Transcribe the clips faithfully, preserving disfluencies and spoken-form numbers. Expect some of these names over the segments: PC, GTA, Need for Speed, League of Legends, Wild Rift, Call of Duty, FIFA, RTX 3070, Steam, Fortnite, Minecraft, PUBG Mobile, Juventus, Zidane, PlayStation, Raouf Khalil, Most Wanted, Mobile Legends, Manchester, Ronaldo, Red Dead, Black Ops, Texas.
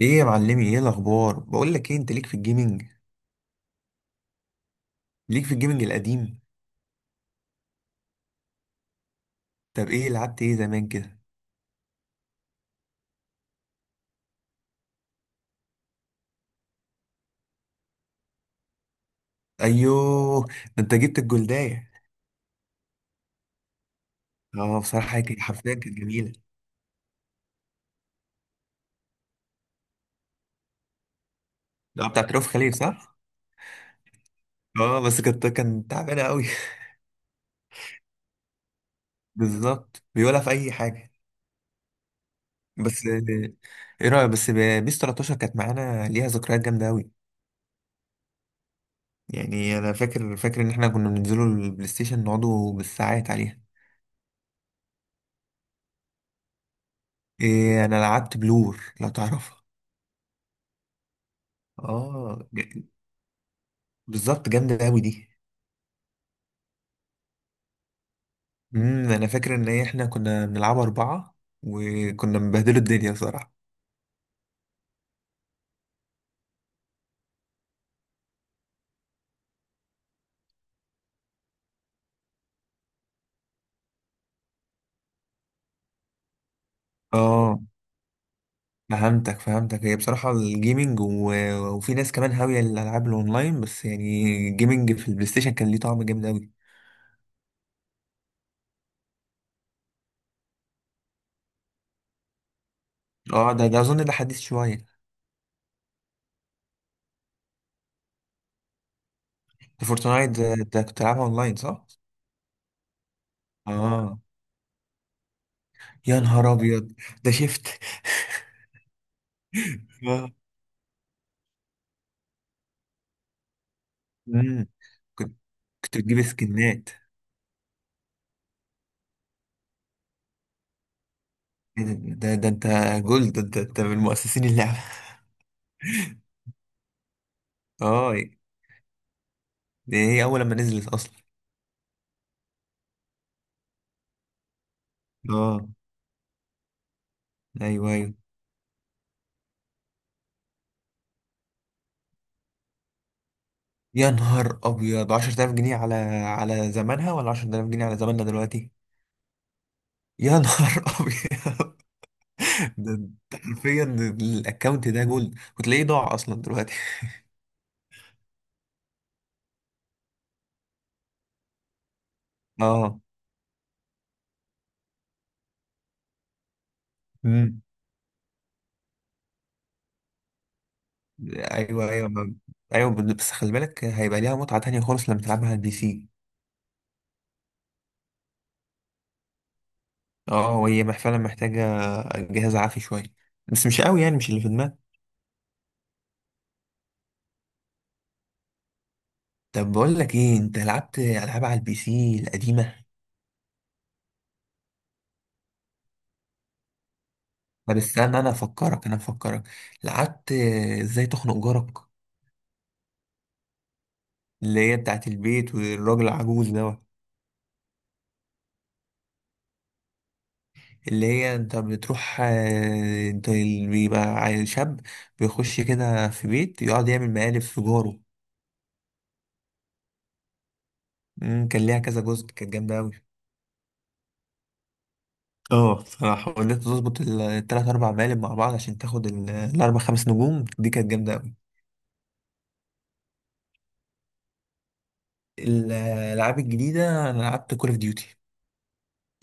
ايه يا معلمي، ايه الاخبار؟ بقول لك ايه، انت ليك في الجيمنج ليك في الجيمنج القديم. طب ايه لعبت ايه زمان كده؟ ايوه، ده انت جبت الجلدايه. اه، بصراحه هي كانت حرفيا كانت جميله. ده بتاعت رؤوف خليل، صح؟ اه، بس كانت كان تعبانه قوي. بالظبط، بيقولها في اي حاجه. بس آه، ايه رايك؟ بس ب- بيس تلتاشر كانت معانا، ليها ذكريات جامده قوي. يعني انا فاكر فاكر ان احنا كنا بننزلوا البلاي ستيشن، نقعدوا بالساعات عليها. إيه، انا لعبت بلور لو تعرفها. اه، بالظبط، جامدة أوي دي. امم أنا فاكر إن هي إحنا كنا بنلعبها أربعة، وكنا مبهدلوا الدنيا صراحة. اه، فهمتك فهمتك، هي بصراحة الجيمنج و... وفي ناس كمان هاوية الألعاب الأونلاين، بس يعني الجيمنج في البلاي ستيشن كان ليه طعم جامد أوي. اه، ده ده أظن ده حديث شوية. ده فورتنايت ده, ده كنت بتلعبها أونلاين، صح؟ اه. يا نهار أبيض. ده شفت. اه. امم. كنت كنت بتجيب سكنات. إيه ده ده, ده أنت جولد، ده أنت أنت من مؤسسين اللعبة. اه، دي هي أول لما نزلت أصلا. اه، ايوه ايوه. يا نهار أبيض، عشرة آلاف جنيه على على زمانها ولا عشرة آلاف جنيه على زماننا دلوقتي؟ يا نهار أبيض. ده ده حرفيا الأكونت ده جولد، وتلاقيه ضاع أصلا دلوقتي. اه. امم. ايوه ايوه ما- ايوه، بس خلي بالك، هيبقى ليها متعه تانية خالص لما تلعبها على البي سي. اه، وهي مح- فعلا محتاجه جهاز عافي شويه، بس مش قوي يعني، مش اللي في دماغك. طب بقول لك ايه، انت لعبت العاب على البي سي القديمه؟ طب استنى، انا افكرك انا افكرك. لعبت ازاي تخنق جارك، اللي هي بتاعت البيت والراجل العجوز دوت، اللي هي انت بتروح، آه، انت اللي بيبقى عيل شاب بيخش كده في بيت، يقعد يعمل مقالب في جاره. مم، كان ليها كذا جزء، كانت جامدة أوي. اه بصراحة، وإن أنت تظبط ال- التلات أربع مقالب مع بعض عشان تاخد ال- الأربع خمس نجوم دي، كانت جامدة أوي. الألعاب الجديدة أنا لعبت كول أوف ديوتي.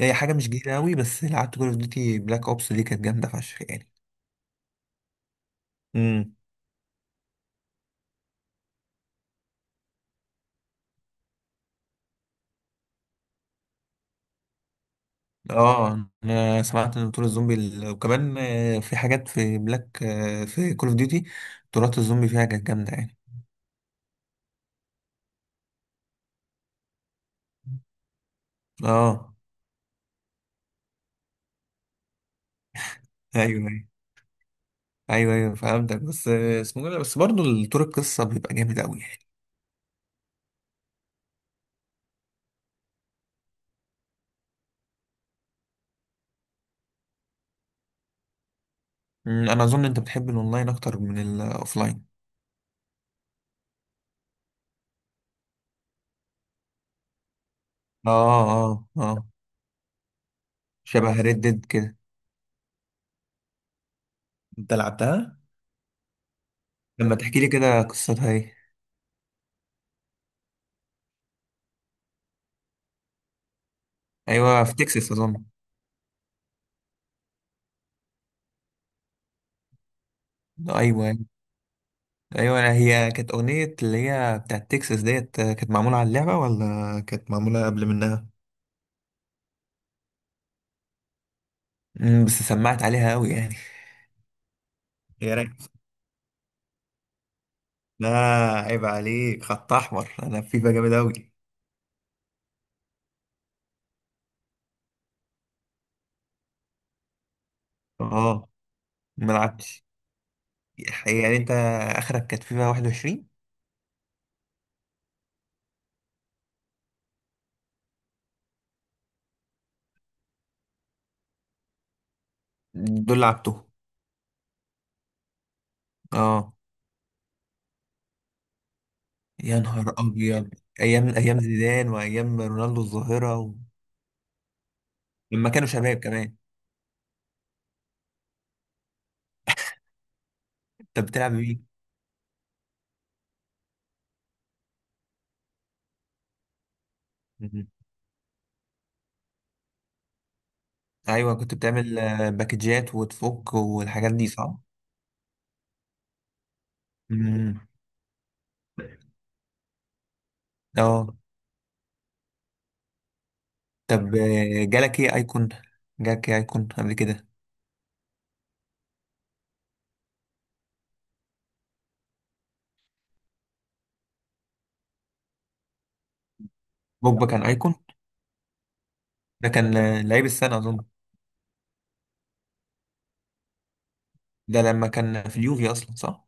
هي حاجة مش جديدة أوي، بس لعبت كول أوف ديوتي بلاك أوبس، دي كانت جامدة فشخ يعني. امم. اه، انا سمعت ان طور الزومبي ال- وكمان، آه، في حاجات في بلاك، آه، في كول اوف ديوتي طورات الزومبي فيها كانت جامده يعني. اه، ايوه ايوه. ايوه ايوه فهمتك، بس آه، اسمه إيه ده؟ بس برضه طور القصه بيبقى جامد قوي يعني. أمم، انا اظن انت بتحب الاونلاين اكتر من الاوفلاين. اه. اه، اه، شبه ريد ديد كده. انت لعبتها؟ لما تحكي لي كده قصتها ايه؟ ايوه، في تكساس اظن. ايوه ايوه أنا- هي كانت اغنيه اللي هي بتاعت تكساس ديت، آه، كانت معموله على اللعبه ولا كانت معموله قبل منها؟ مم، بس سمعت عليها قوي يعني. يا راجل، لا، عيب عليك، خط احمر، انا في فيفا جامد اوي. اه ما لعبتش يعني. انت اخرك كانت فيفا واحد وعشرين. دول لعبتهم. اه. يا نهار ابيض، ايام ايام زيدان وايام رونالدو الظاهره و... لما كانوا شباب كمان. انت بتلعب بيه. مهم. ايوه، كنت بتعمل، آه، باكجات وتفك والحاجات دي، صح؟ مم. اه طب آه، جالك ايه ايكون؟ جالك ايه ايكون قبل كده؟ بوجبا كان ايكون؟ ده كان، آه، لعيب السنة اظن. ده لما كان في اليوفي اصلا، صح؟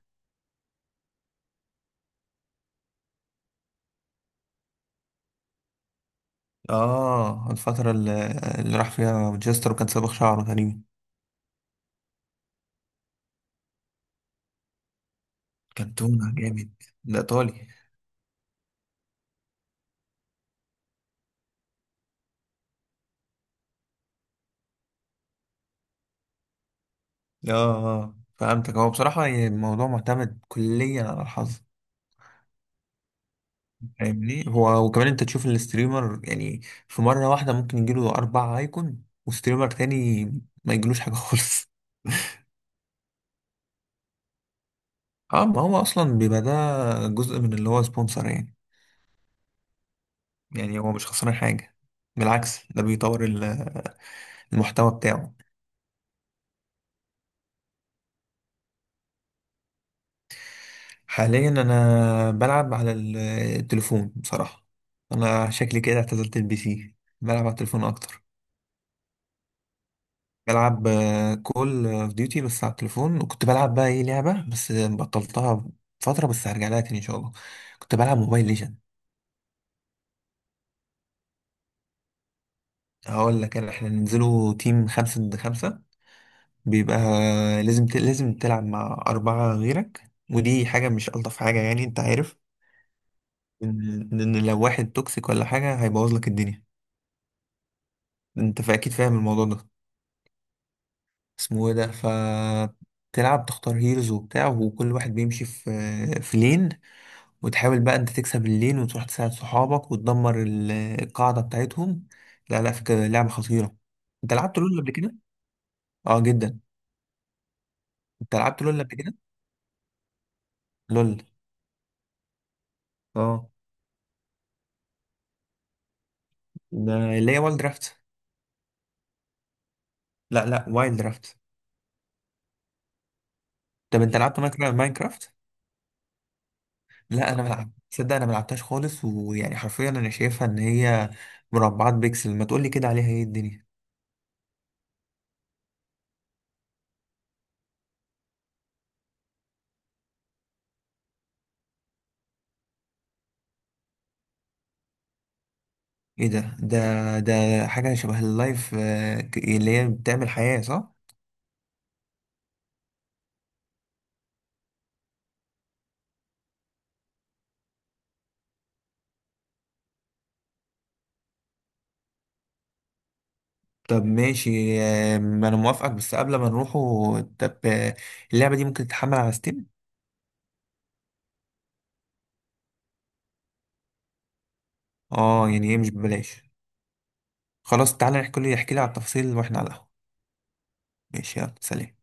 اه، الفترة اللي, اللي راح فيها مانشستر، وكان صابغ شعره تقريبا. كان تونة جامد. ده ايطالي. اه، آه، فهمتك، هو بصراحة يعني الموضوع معتمد كليا على الحظ. فاهمني؟ هو وكمان انت تشوف الستريمر يعني، في مرة واحدة ممكن يجيله اربع ايكون، وستريمر تاني ما يجيلوش حاجة خالص. اه. ما هو اصلا بيبقى ده جزء من اللي هو سبونسر يعني. يعني هو مش خسران حاجة، بالعكس، ده بيطور ال- المحتوى بتاعه. حاليا انا بلعب على ال- التليفون بصراحة. انا شكلي كده اعتزلت البي سي. بلعب على التليفون اكتر. بلعب كول اوف ديوتي بس على التليفون، وكنت بلعب بقى ايه، لعبة بس بطلتها فترة، بس هرجع لها تاني ان شاء الله. كنت بلعب موبايل ليجند. هقول لك انا، احنا ننزلوا تيم خمسة ضد خمسة، بيبقى لازم ت... لازم تلعب مع أربعة غيرك، ودي حاجة مش ألطف حاجة يعني، أنت عارف إن إن لو واحد توكسيك ولا حاجة هيبوظ لك الدنيا. أنت فا- أكيد فاهم الموضوع ده. اسمه إيه ده؟ ف تلعب، تختار هيروز وبتاع، وكل واحد بيمشي في في لين، وتحاول بقى أنت تكسب اللين، وتروح تساعد صحابك، وتدمر ال- القاعدة بتاعتهم. لا لا، فكرة لعبة خطيرة. أنت لعبت لول قبل كده؟ أه جدا. أنت لعبت لول قبل كده؟ لول. أه. ده اللي هي والد درافت. لا لا، وايلد رافت. طب انت لعبت ماينكرافت ماينكرافت؟ لا، انا ملعب، تصدق انا ملعبتهاش خالص، ويعني حرفيا انا شايفها ان هي مربعات بيكسل، ما تقولي كده عليها ايه الدنيا. ايه ده ده ده حاجه شبه اللايف، آه، ك- اللي هي بتعمل حياه، صح؟ طب ماشي، آه، انا موافقك، بس قبل ما نروحوا، طب آه، اللعبه دي ممكن تتحمل على ستيم؟ اه، يعني ايه، مش ببلاش؟ خلاص تعالى نحكي لي، احكي لي على التفاصيل واحنا على القهوه. ماشي، يلا سلام.